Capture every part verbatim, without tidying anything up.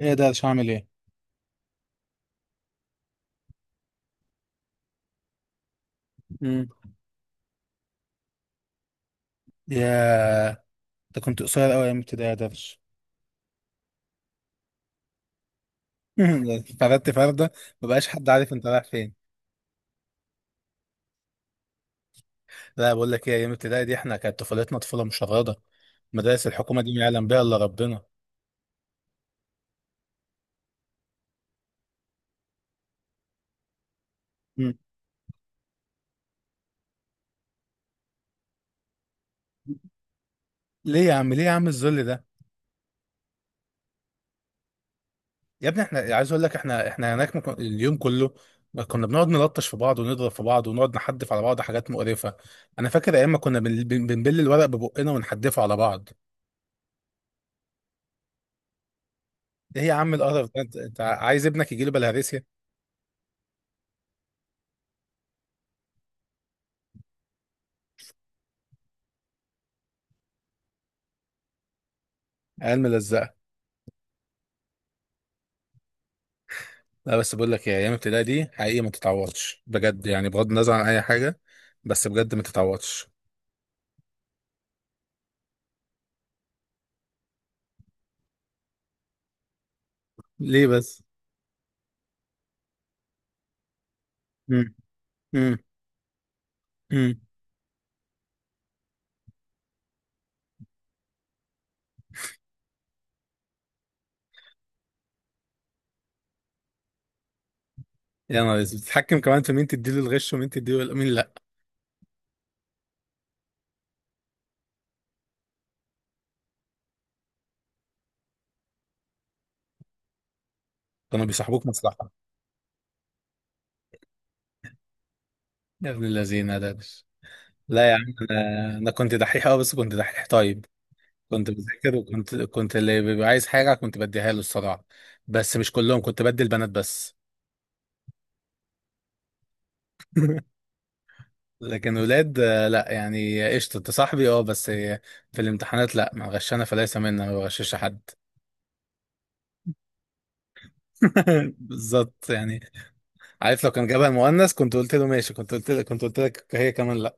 ايه ده، مش هعمل ايه. امم يا ده كنت قصير قوي ايام ابتدائي يا درش. فردت فرده، مبقاش حد عارف انت رايح فين. لا، بقول لك ايه، ايام ابتدائي دي احنا كانت طفولتنا طفوله مشرده. مدارس الحكومه دي ما يعلم بها الا ربنا. امم ليه يا عم، ليه يا عم الذل ده. يا ابني احنا، عايز اقول لك، احنا احنا هناك ممكن اليوم كله كنا بنقعد نلطش في بعض، ونضرب في بعض، ونقعد نحدف على بعض حاجات مقرفه. انا فاكر ايام ما كنا بن- بن- بنبل الورق ببقنا ونحدفه على بعض. ايه يا عم القرف ده، انت أنت عايز ابنك يجي له. عيال ملزقه. لا بس بقول لك ايه، ايام ابتدائي دي حقيقي ما تتعوضش بجد، يعني بغض النظر عن اي حاجه، بس بجد ما تتعوضش. ليه بس. امم امم امم يا نهار اسود، بتتحكم كمان في مين تديله الغش ومين تديله، مين لا. كانوا بيصاحبوك مصلحه. يا ابن الذين ده مش- لا يا عم، انا انا كنت دحيح، اه بس كنت دحيح طيب. كنت بذاكر، وكنت كنت اللي بيبقى عايز حاجه كنت بديها له الصراحه. بس مش كلهم، كنت بدي البنات بس. لكن ولاد آه، لا يعني قشطة انت صاحبي اه بس. آه، في الامتحانات لا، ما غشنا فليس منا، ما بغشش حد. بالظبط يعني. عارف لو كان جابها المؤنث كنت قلت له ماشي، كنت قلت لك كنت قلت لك هي كمان لا.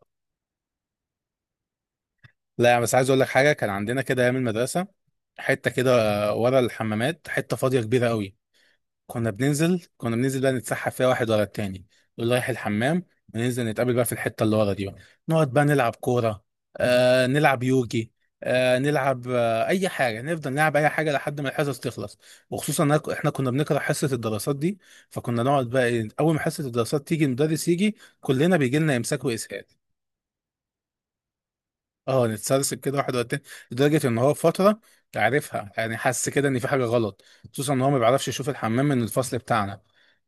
لا يعني بس عايز اقول لك حاجة، كان عندنا كده ايام المدرسة حتة كده، آه، ورا الحمامات حتة فاضية كبيرة قوي. كنا بننزل كنا بننزل بقى نتسحب فيها واحد ورا التاني. يقول رايح الحمام، وننزل نتقابل بقى في الحتة اللي ورا دي بقى. نقعد بقى نلعب كورة، آه نلعب يوجي، آه نلعب آه أي حاجة، نفضل نلعب أي حاجة لحد ما الحصص تخلص. وخصوصا إن إحنا كنا بنكره حصة الدراسات دي، فكنا نقعد بقى إيه، أول ما حصة الدراسات تيجي، المدرس يجي كلنا بيجي لنا إمساك وإسهال. اه نتسلسل كده واحد ورا التاني. لدرجة ان هو في فترة عرفها، يعني حس كده ان في حاجة غلط، خصوصا ان هو ما بيعرفش يشوف الحمام من الفصل بتاعنا.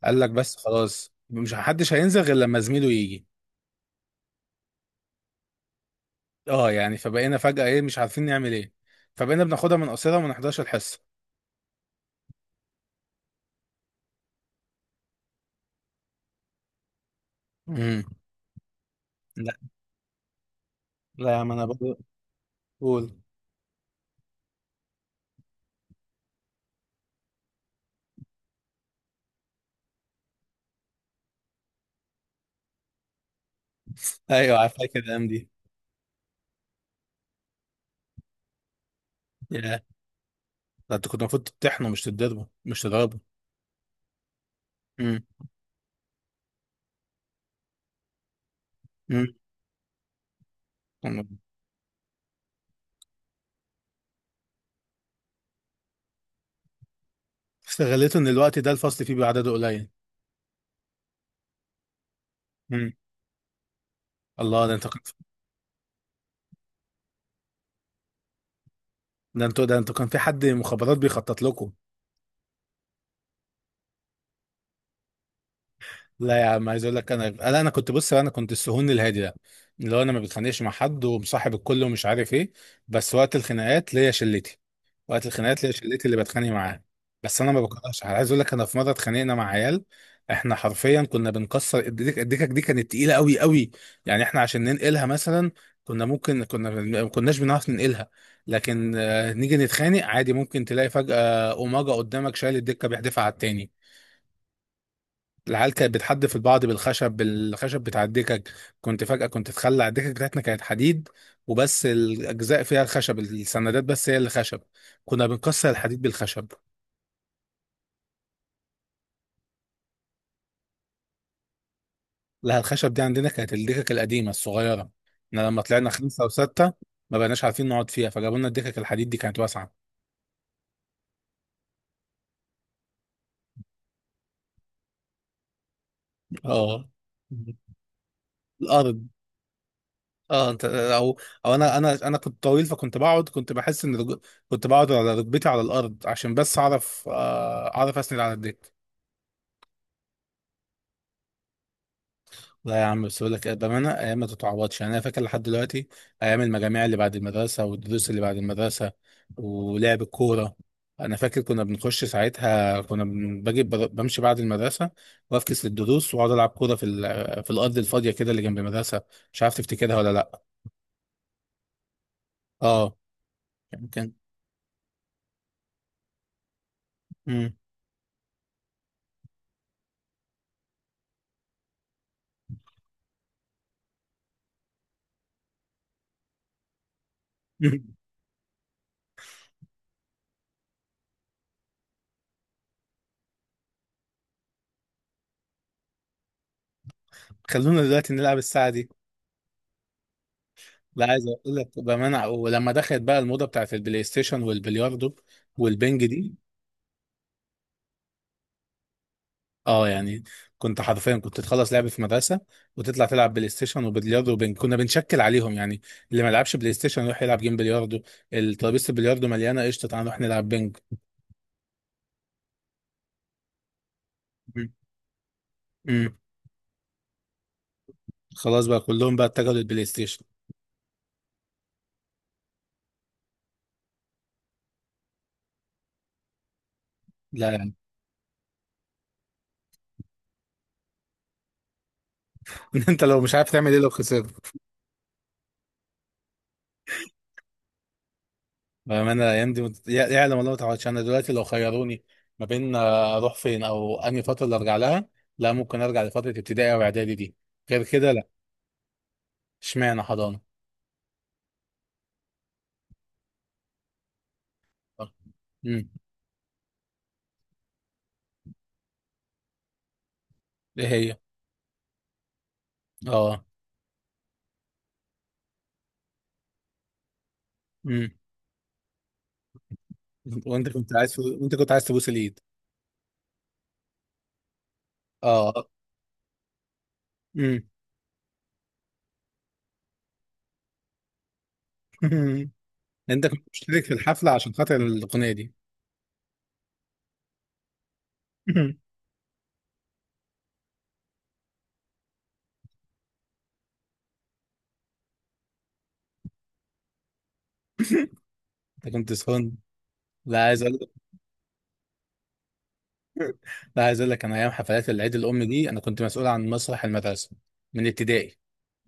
قال لك بس خلاص، مش محدش هينزل غير لما زميله يجي. اه يعني فبقينا فجأة ايه، مش عارفين نعمل ايه، فبقينا بناخدها من قصيرة وما نحضرش الحصة. امم لا، لا يا عم انا برضه. قول. ايوه عارف، فاكر الايام دي. يا ده، انت كنت المفروض تطحنه، مش تضربه مش تضربه. امم امم استغليته ان الوقت ده الفصل فيه بعدده قليل. امم الله، ده انت. ده انتوا، ده انتوا كان في حد مخابرات بيخطط لكم. لا يا عم، عايز اقول لك، انا لا، انا كنت بص، انا كنت السهون الهادي ده، اللي هو انا ما بتخانقش مع حد ومصاحب الكل ومش عارف ايه. بس وقت الخناقات ليا شلتي، وقت الخناقات ليا شلتي اللي بتخانق معاها. بس انا ما بكرهش حد. عايز اقول لك، انا في مره اتخانقنا مع عيال. احنا حرفيا كنا بنكسر الدك- الدكك دي كانت تقيله قوي قوي. يعني احنا عشان ننقلها مثلا كنا ممكن، كنا ما كناش بنعرف ننقلها، لكن آه، نيجي نتخانق عادي ممكن تلاقي فجأة أوماجا قدامك شايل الدكة بيحدفها على التاني. العيال كانت بتحدف البعض بالخشب، بالخشب بتاع الدكك. كنت فجأة كنت تخلع الدكك بتاعتنا كانت حديد، وبس الأجزاء فيها الخشب، السندات بس هي اللي خشب. كنا بنكسر الحديد بالخشب. لا الخشب دي عندنا كانت الدكك القديمة الصغيرة. احنا لما طلعنا خمسة وستة ما بقناش عارفين نقعد فيها، فجابوا لنا الدكك الحديد دي كانت واسعة. اه الأرض. اه انت او او انا، انا انا كنت طويل، فكنت بقعد، كنت بحس ان رج... كنت بقعد على ركبتي على الأرض عشان بس اعرف آه، اعرف اسند على الدكة. لا يا عم، بس بقول لك بامانه ايام ما تتعوضش، يعني انا فاكر لحد دلوقتي ايام المجاميع اللي بعد المدرسه، والدروس اللي بعد المدرسه، ولعب الكوره. انا فاكر كنا بنخش ساعتها، كنا بن- باجي بر- بمشي بعد المدرسه وافكس للدروس، واقعد العب كوره في ال- في الارض الفاضيه كده اللي جنب المدرسه. مش عارف تفتكرها ولا لا. اه يمكن. مم. خلونا دلوقتي نلعب الساعه دي. لا عايز اقول لك بامانه، ولما دخلت بقى الموضه بتاعت البلاي ستيشن والبلياردو والبنج دي. اه يعني كنت حرفيا كنت تخلص لعب في مدرسه وتطلع تلعب بلاي ستيشن وبلياردو وبن... كنا بنشكل عليهم يعني. اللي ما لعبش بلاي ستيشن يروح يلعب جيم بلياردو، الترابيزه البلياردو مليانه قشطه تعالى نروح نلعب بنج. امم خلاص بقى، كلهم بقى اتجهوا للبلاي ستيشن. لا يعني. انت لو مش عارف تعمل ايه لو خسرت. بامانه الايام دي مت... يع- يعلم الله ما تعوضش. انا دلوقتي لو خيروني ما بين آه، اروح فين او انهي فتره اللي ارجع لها، لا ممكن ارجع لفتره ابتدائي او اعدادي دي، غير كده لا. اشمعنى حضانه. امم ايه هي. اه. امم وانت كنت عايز وانت كنت عايز تبوس الايد. اه. امم انت كنت مشترك في الحفله عشان خاطر الاغنيه دي. انت كنت سخن. لا عايز اقول لا عايز اقول لك، انا ايام حفلات العيد الام دي انا كنت مسؤول عن مسرح المدرسه من ابتدائي.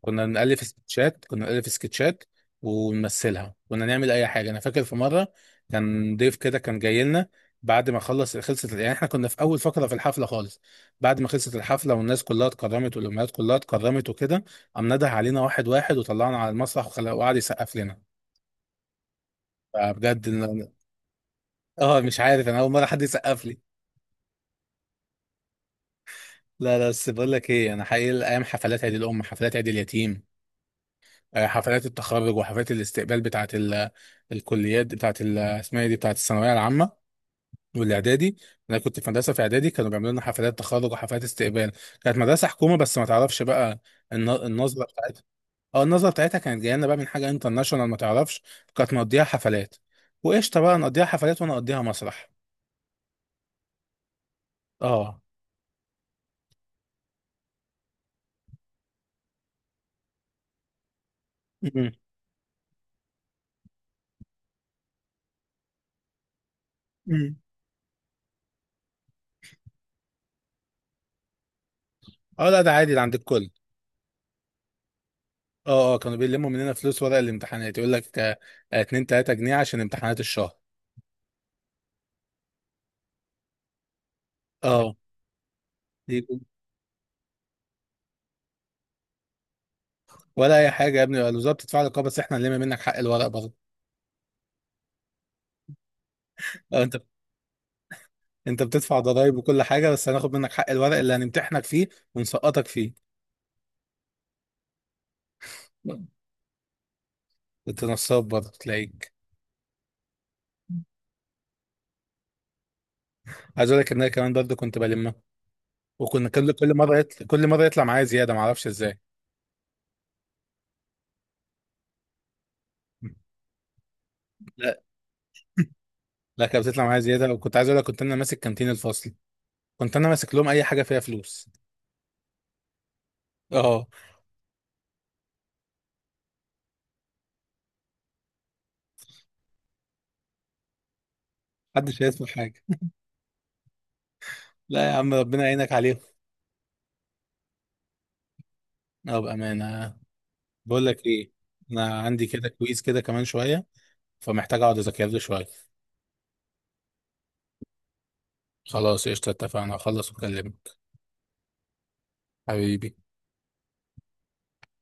كنا بنألف سكتشات كنا بنألف سكتشات ونمثلها، كنا نعمل اي حاجه. انا فاكر في مره كان ضيف كده كان جاي لنا، بعد ما خلص خلصت، يعني احنا كنا في اول فقره في الحفله خالص، بعد ما خلصت الحفله والناس كلها اتكرمت والامهات كلها اتكرمت وكده، قام نده علينا واحد واحد وطلعنا على المسرح وخلا- وقعد يسقف لنا. فبجد إن- اه مش عارف، انا اول مره حد يسقف لي. لا لا بس بقول لك ايه، انا حقيقي ايام حفلات عيد الام، حفلات عيد اليتيم، آه، حفلات التخرج وحفلات الاستقبال بتاعت ال- الكليات بتاعت ال- اسمها ايه دي، بتاعت الثانويه العامه والاعدادي. انا كنت في مدرسه، في اعدادي كانوا بيعملوا لنا حفلات تخرج وحفلات استقبال. كانت مدرسه حكومه بس ما تعرفش بقى الن- النظره بتاعتها. اه النظره بتاعتها كانت جايه لنا بقى من حاجه انترناشونال، ما تعرفش. كانت مقضيها حفلات وقشطه، بقى نقضيها حفلات وانا اقضيها مسرح. اه م- م. اه لا ده عادي، ده عند الكل. اه اه كانوا بيلموا مننا فلوس ورق الامتحانات، يقول لك آه، آه، اتنين تلاتة جنيه عشان امتحانات الشهر. اه ولا اي حاجه يا ابني، الوزاره بتدفع لك اه، بس احنا هنلم منك حق الورق برضه. اه انت انت بتدفع ضرايب وكل حاجه بس هناخد منك حق الورق اللي هنمتحنك فيه ونسقطك فيه. انت نصاب برضه تلاقيك. عايز اقول لك ان انا كمان برضه كنت بلمها، وكنا كل كل مره يطلع، كل مره يطلع معايا زياده ما اعرفش ازاي. لا لا، كانت بتطلع معايا زياده، وكنت عايز اقول لك، كنت انا ماسك كانتين الفصل، كنت انا ماسك لهم اي حاجه فيها فلوس. اه محدش هيدفع حاجه. لا يا عم، ربنا يعينك عليهم. اه بامانه. بقول لك ايه، انا عندي كده كويز كده كمان شويه فمحتاج اقعد اذاكر له شويه. خلاص قشطه، اتفقنا اخلص واكلمك. حبيبي.